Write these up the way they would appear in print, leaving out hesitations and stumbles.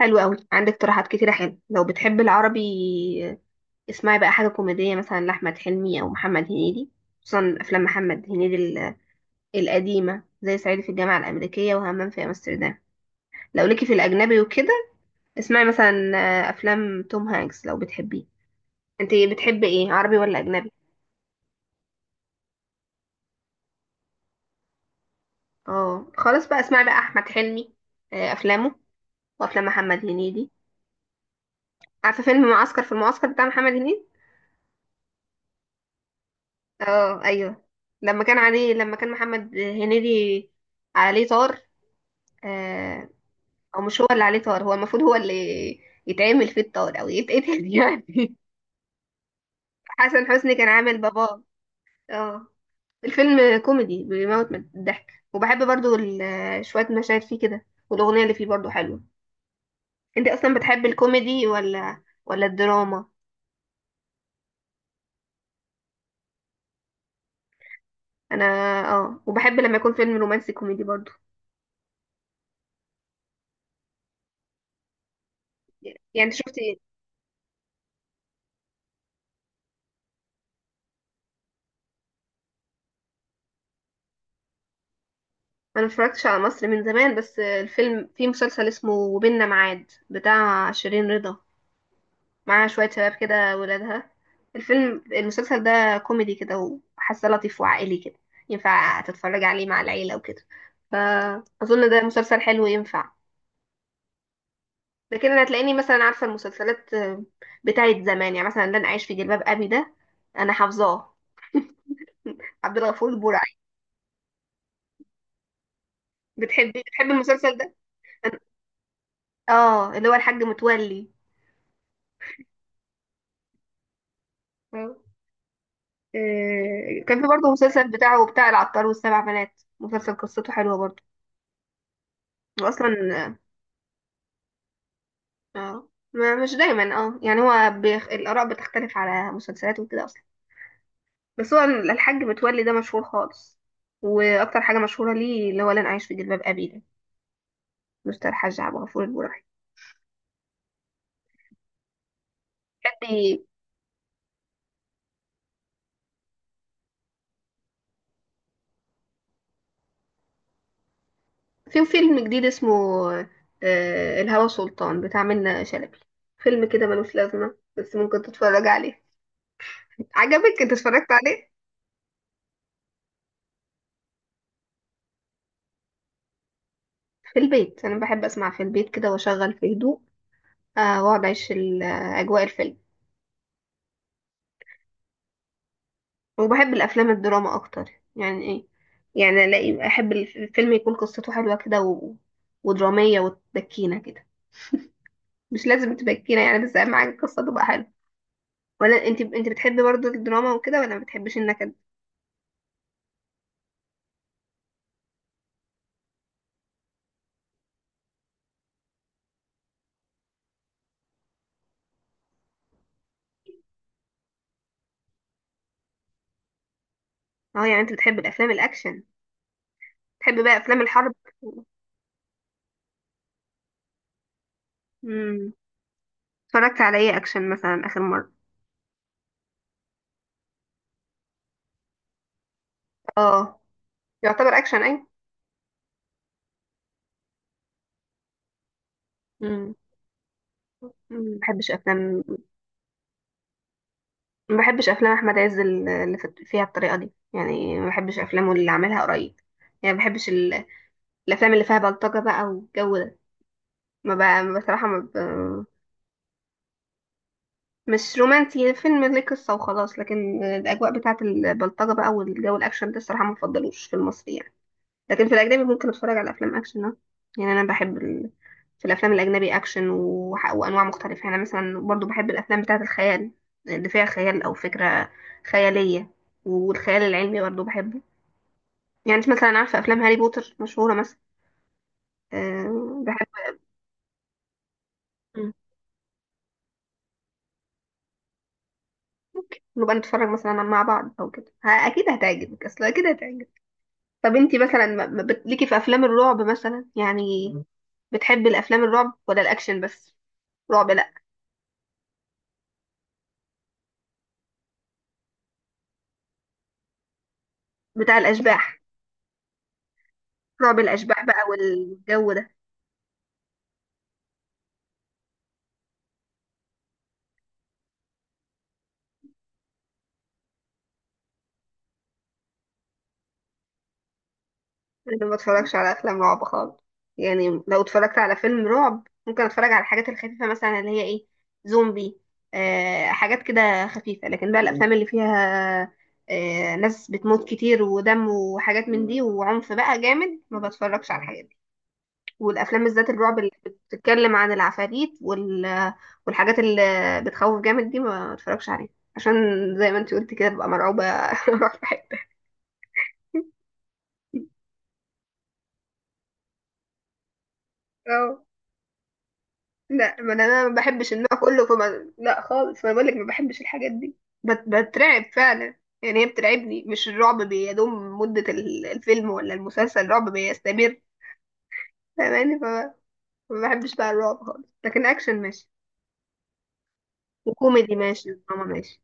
حلو قوي، عندك اقتراحات كتيرة حلوة. لو بتحب العربي اسمعي بقى حاجة كوميدية مثلا لأحمد حلمي أو محمد هنيدي. خصوصا أفلام محمد هنيدي القديمة زي صعيدي في الجامعة الأمريكية وهمام في أمستردام. لو ليكي في الأجنبي وكده اسمعي مثلا أفلام توم هانكس لو بتحبيه. انت بتحبي ايه، عربي ولا أجنبي؟ اه، خلاص بقى اسمعي بقى أحمد حلمي، أفلامه وأفلام محمد هنيدي. عارفة فيلم معسكر في المعسكر بتاع محمد هنيدي؟ اه ايوه. لما كان عليه، لما كان محمد هنيدي عليه طار. آه. او مش هو اللي عليه طار، هو المفروض هو اللي يتعمل فيه الطار او يتقتل يعني حسن حسني كان عامل باباه. اه، الفيلم كوميدي بيموت من الضحك، وبحب برضو شوية مشاهد فيه كده، والأغنية اللي فيه برضو حلوة. انت اصلا بتحب الكوميدي ولا الدراما؟ انا اه، وبحب لما يكون فيلم رومانسي كوميدي برضو. يعني انت شفتي؟ انا متفرجتش على مصر من زمان، بس الفيلم في مسلسل اسمه وبيننا ميعاد بتاع شيرين رضا، معاها شوية شباب كده ولادها. الفيلم المسلسل ده كوميدي كده، وحاسه لطيف وعائلي كده، ينفع تتفرج عليه مع العيلة وكده. فأظن ده مسلسل حلو ينفع. لكن انا هتلاقيني مثلا عارفة المسلسلات بتاعت زمان، يعني مثلا لن أعيش في جلباب أبي ده، انا حافظاه، عبد الغفور البرعي. بتحبي بتحبي المسلسل ده، اه اللي هو الحاج متولي. كان في برضه مسلسل بتاعه بتاع العطار والسبع بنات، مسلسل قصته حلوة برضه. واصلا اه، مش دايما، اه يعني هو الآراء بتختلف على مسلسلات وكده اصلا. بس هو الحاج متولي ده مشهور خالص. واكتر حاجة مشهورة ليه اللي هو لن أعيش في جلباب أبي ده، مستر الحاج عبد الغفور البرعي. حد- في فيلم جديد اسمه الهوى سلطان بتاع منة شلبي. فيلم كده ملوش لازمة، بس ممكن تتفرج عليه. عجبك، انت اتفرجت عليه؟ في البيت، انا بحب اسمع في البيت كده واشغل في هدوء، واقعد اعيش اجواء الفيلم. وبحب الافلام الدراما اكتر. يعني ايه؟ يعني الاقي احب الفيلم يكون قصته حلوه كده و... ودراميه وتبكينا كده. مش لازم تبكينا يعني، بس اهم حاجه القصه تبقى حلوه. ولا انت، انت بتحبي برضو الدراما وكده ولا ما بتحبش النكد؟ اه يعني انت بتحب الافلام الاكشن؟ بتحب بقى افلام الحرب؟ امم، اتفرجت على ايه اكشن مثلا اخر مره؟ اه، يعتبر اكشن اي. امم، ما بحبش افلام. ما بحبش افلام احمد عز اللي فيها الطريقه دي، يعني ما بحبش افلامه اللي عملها قريب. يعني ما بحبش الافلام اللي فيها بلطجه بقى والجو ده. ما بقى بصراحه ما ب... مش رومانسي، فيلم ليه قصه وخلاص، لكن الاجواء بتاعه البلطجه بقى والجو الاكشن ده الصراحه ما بفضلوش في المصري يعني. لكن في الأجنبي ممكن أتفرج على أفلام أكشن، اه. يعني أنا بحب في الأفلام الأجنبي أكشن وأنواع مختلفة. يعني أنا مثلا برضو بحب الأفلام بتاعة الخيال، اللي فيها خيال أو فكرة خيالية، والخيال العلمي برضو بحبه. يعني أنت مثلا عارفة أفلام هاري بوتر مشهورة مثلا؟ أه بحب. مم. نبقى نتفرج مثلا مع بعض أو كده، أكيد هتعجبك، أصل أكيد هتعجبك. طب أنت مثلا ما- ما بت- ليكي في أفلام الرعب مثلا يعني؟ مم. بتحبي الأفلام الرعب ولا الأكشن بس؟ رعب لأ. بتاع الأشباح. رعب الأشباح بقى والجو ده، أنا ما بتفرجش على أفلام رعب خالص. يعني لو اتفرجت على فيلم رعب ممكن أتفرج على الحاجات الخفيفة مثلا، اللي هي إيه، زومبي. آه، حاجات كده خفيفة. لكن بقى الأفلام اللي فيها آه ناس بتموت كتير ودم وحاجات من دي وعنف بقى جامد، ما بتفرجش على الحاجات دي. والأفلام بالذات الرعب اللي بتتكلم عن العفاريت والحاجات اللي بتخوف جامد دي ما بتفرجش عليها. عشان زي ما انت قلت كده ببقى مرعوبة اروح في حتة. اه لا، ما انا أنا ما بحبش النوع كله فما لا خالص، ما بقولك ما بحبش الحاجات دي. بترعب فعلا يعني، هي بترعبني. مش الرعب بيدوم مدة الفيلم ولا المسلسل، الرعب بيستمر. فاهماني، فما ما بحبش بقى الرعب خالص. لكن اكشن ماشي وكوميدي ماشي ودراما ماشي.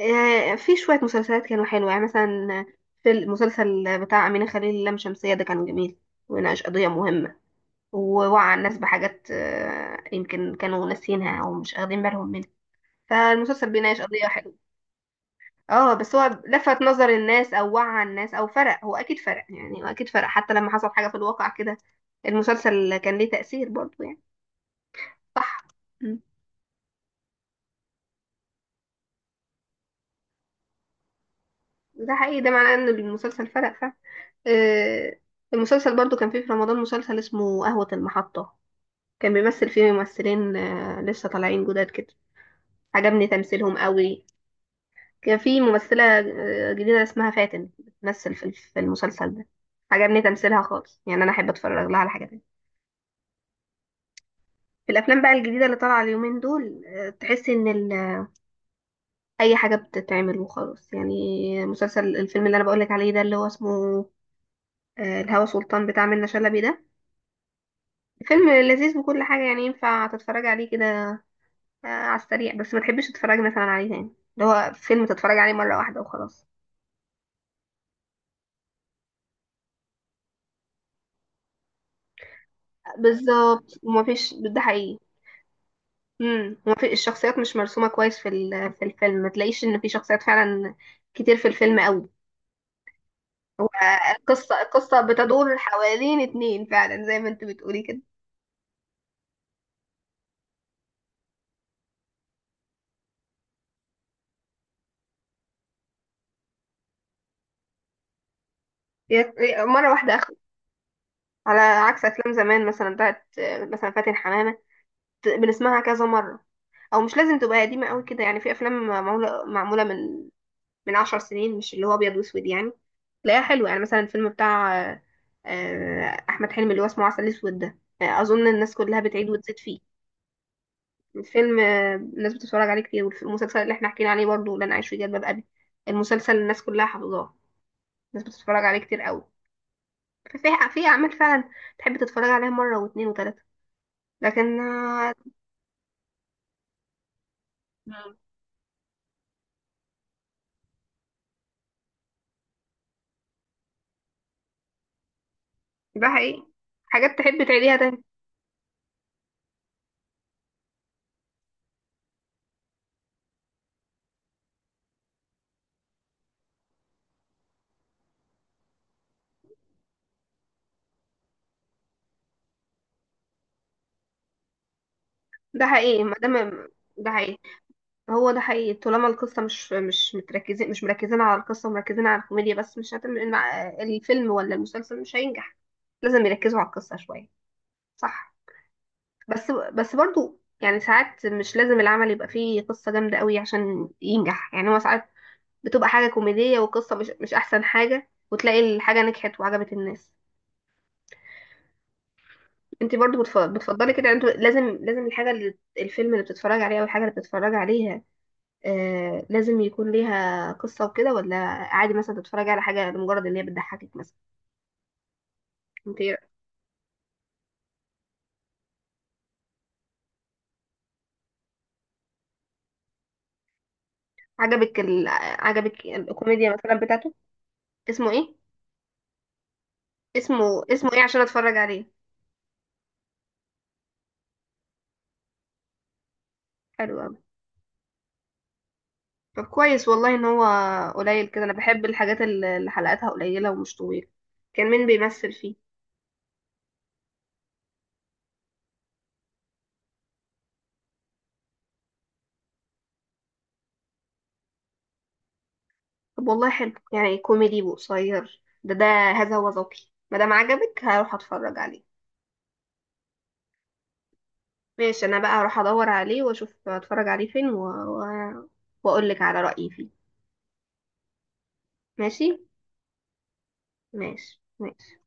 آه في شوية مسلسلات كانوا حلوة، يعني مثلا في المسلسل بتاع أمينة خليل، اللام شمسية ده كان جميل وناقش قضية مهمة، ووعى الناس بحاجات يمكن كانوا ناسينها أو مش واخدين بالهم منها. فالمسلسل بيناقش قضية حلوة. اه بس هو لفت نظر الناس او وعى الناس او فرق، هو اكيد فرق، يعني هو اكيد فرق حتى لما حصل حاجة في الواقع كده. المسلسل كان ليه تأثير برضو يعني. صح. مم. ده حقيقي، ده معناه ان المسلسل فرق فعلا. آه، المسلسل برضو كان فيه في رمضان مسلسل اسمه قهوة المحطة. كان بيمثل فيه ممثلين لسه طالعين جداد كده. عجبني تمثيلهم قوي. كان في ممثلة جديدة اسمها فاتن بتمثل في المسلسل ده. عجبني تمثيلها خالص، يعني أنا أحب أتفرج لها على حاجة تانية. في الأفلام بقى الجديدة اللي طالعة اليومين دول، تحس إن أي حاجة بتتعمل وخلاص يعني. مسلسل الفيلم اللي أنا بقولك عليه ده اللي هو اسمه الهوى سلطان بتاع منة شلبي ده، فيلم لذيذ وكل حاجة، يعني ينفع تتفرج عليه كده على السريع، بس ما تحبش تتفرج مثلا عليه تاني، اللي هو فيلم تتفرج عليه مرة واحدة وخلاص. بالظبط، ومفيش، ده حقيقي. امم، وفي الشخصيات مش مرسومه كويس في في الفيلم، ما تلاقيش ان في شخصيات فعلا كتير في الفيلم قوي. هو القصه بتدور حوالين اتنين فعلا زي ما انت بتقولي كده. هي مره واحده اخد. على عكس افلام زمان مثلا بتاعت مثلا فاتن حمامه، بنسمعها كذا مره. او مش لازم تبقى قديمه قوي كده، يعني في افلام معموله من 10 سنين، مش اللي هو ابيض واسود يعني، تلاقيها حلوه. يعني مثلا الفيلم بتاع احمد حلمي اللي هو اسمه عسل اسود ده، اظن الناس كلها بتعيد وتزيد فيه. فيلم الناس بتتفرج عليه كتير. والمسلسل اللي احنا حكينا عليه برضه لن اعيش في جلباب ابي، المسلسل الناس كلها حافظاه، الناس بتتفرج عليه كتير قوي. ففي في اعمال فعلا تحب تتفرج عليها مره واتنين وتلاته. لكن آه. مم. ده حقيقي، حاجات تحب تعيديها تاني. ده حقيقي ما دام، ده حقيقي. هو ده حقيقي، طالما القصة مش متركزين، مش مركزين على القصة، مركزين على الكوميديا بس، مش هتم الفيلم ولا المسلسل، مش هينجح. لازم يركزوا على القصة شوية. صح. بس بس برضو يعني ساعات مش لازم العمل يبقى فيه قصة جامدة قوي عشان ينجح، يعني هو ساعات بتبقى حاجة كوميدية وقصة مش أحسن حاجة، وتلاقي الحاجة نجحت وعجبت الناس. انت برضو بتفضلي كده، انت لازم لازم الحاجة اللي الفيلم اللي بتتفرج عليه او الحاجة اللي بتتفرج عليها آه لازم يكون ليها قصة وكده، ولا عادي مثلا تتفرجي على حاجة لمجرد ان هي بتضحكك مثلا؟ انت عجبك عجبك الكوميديا مثلا بتاعته؟ اسمه ايه؟ اسمه ايه عشان اتفرج عليه؟ حلو أوي. طب كويس والله ان هو قليل كده، انا بحب الحاجات اللي حلقاتها قليله ومش طويله. كان مين بيمثل فيه؟ طب والله حلو، يعني كوميدي وقصير ده ده هذا هو ذوقي. ما دام عجبك هروح اتفرج عليه. ماشي، انا بقى هروح ادور عليه واشوف اتفرج عليه فين و... و... واقول لك على رايي فيه. ماشي، ماشي، ماشي.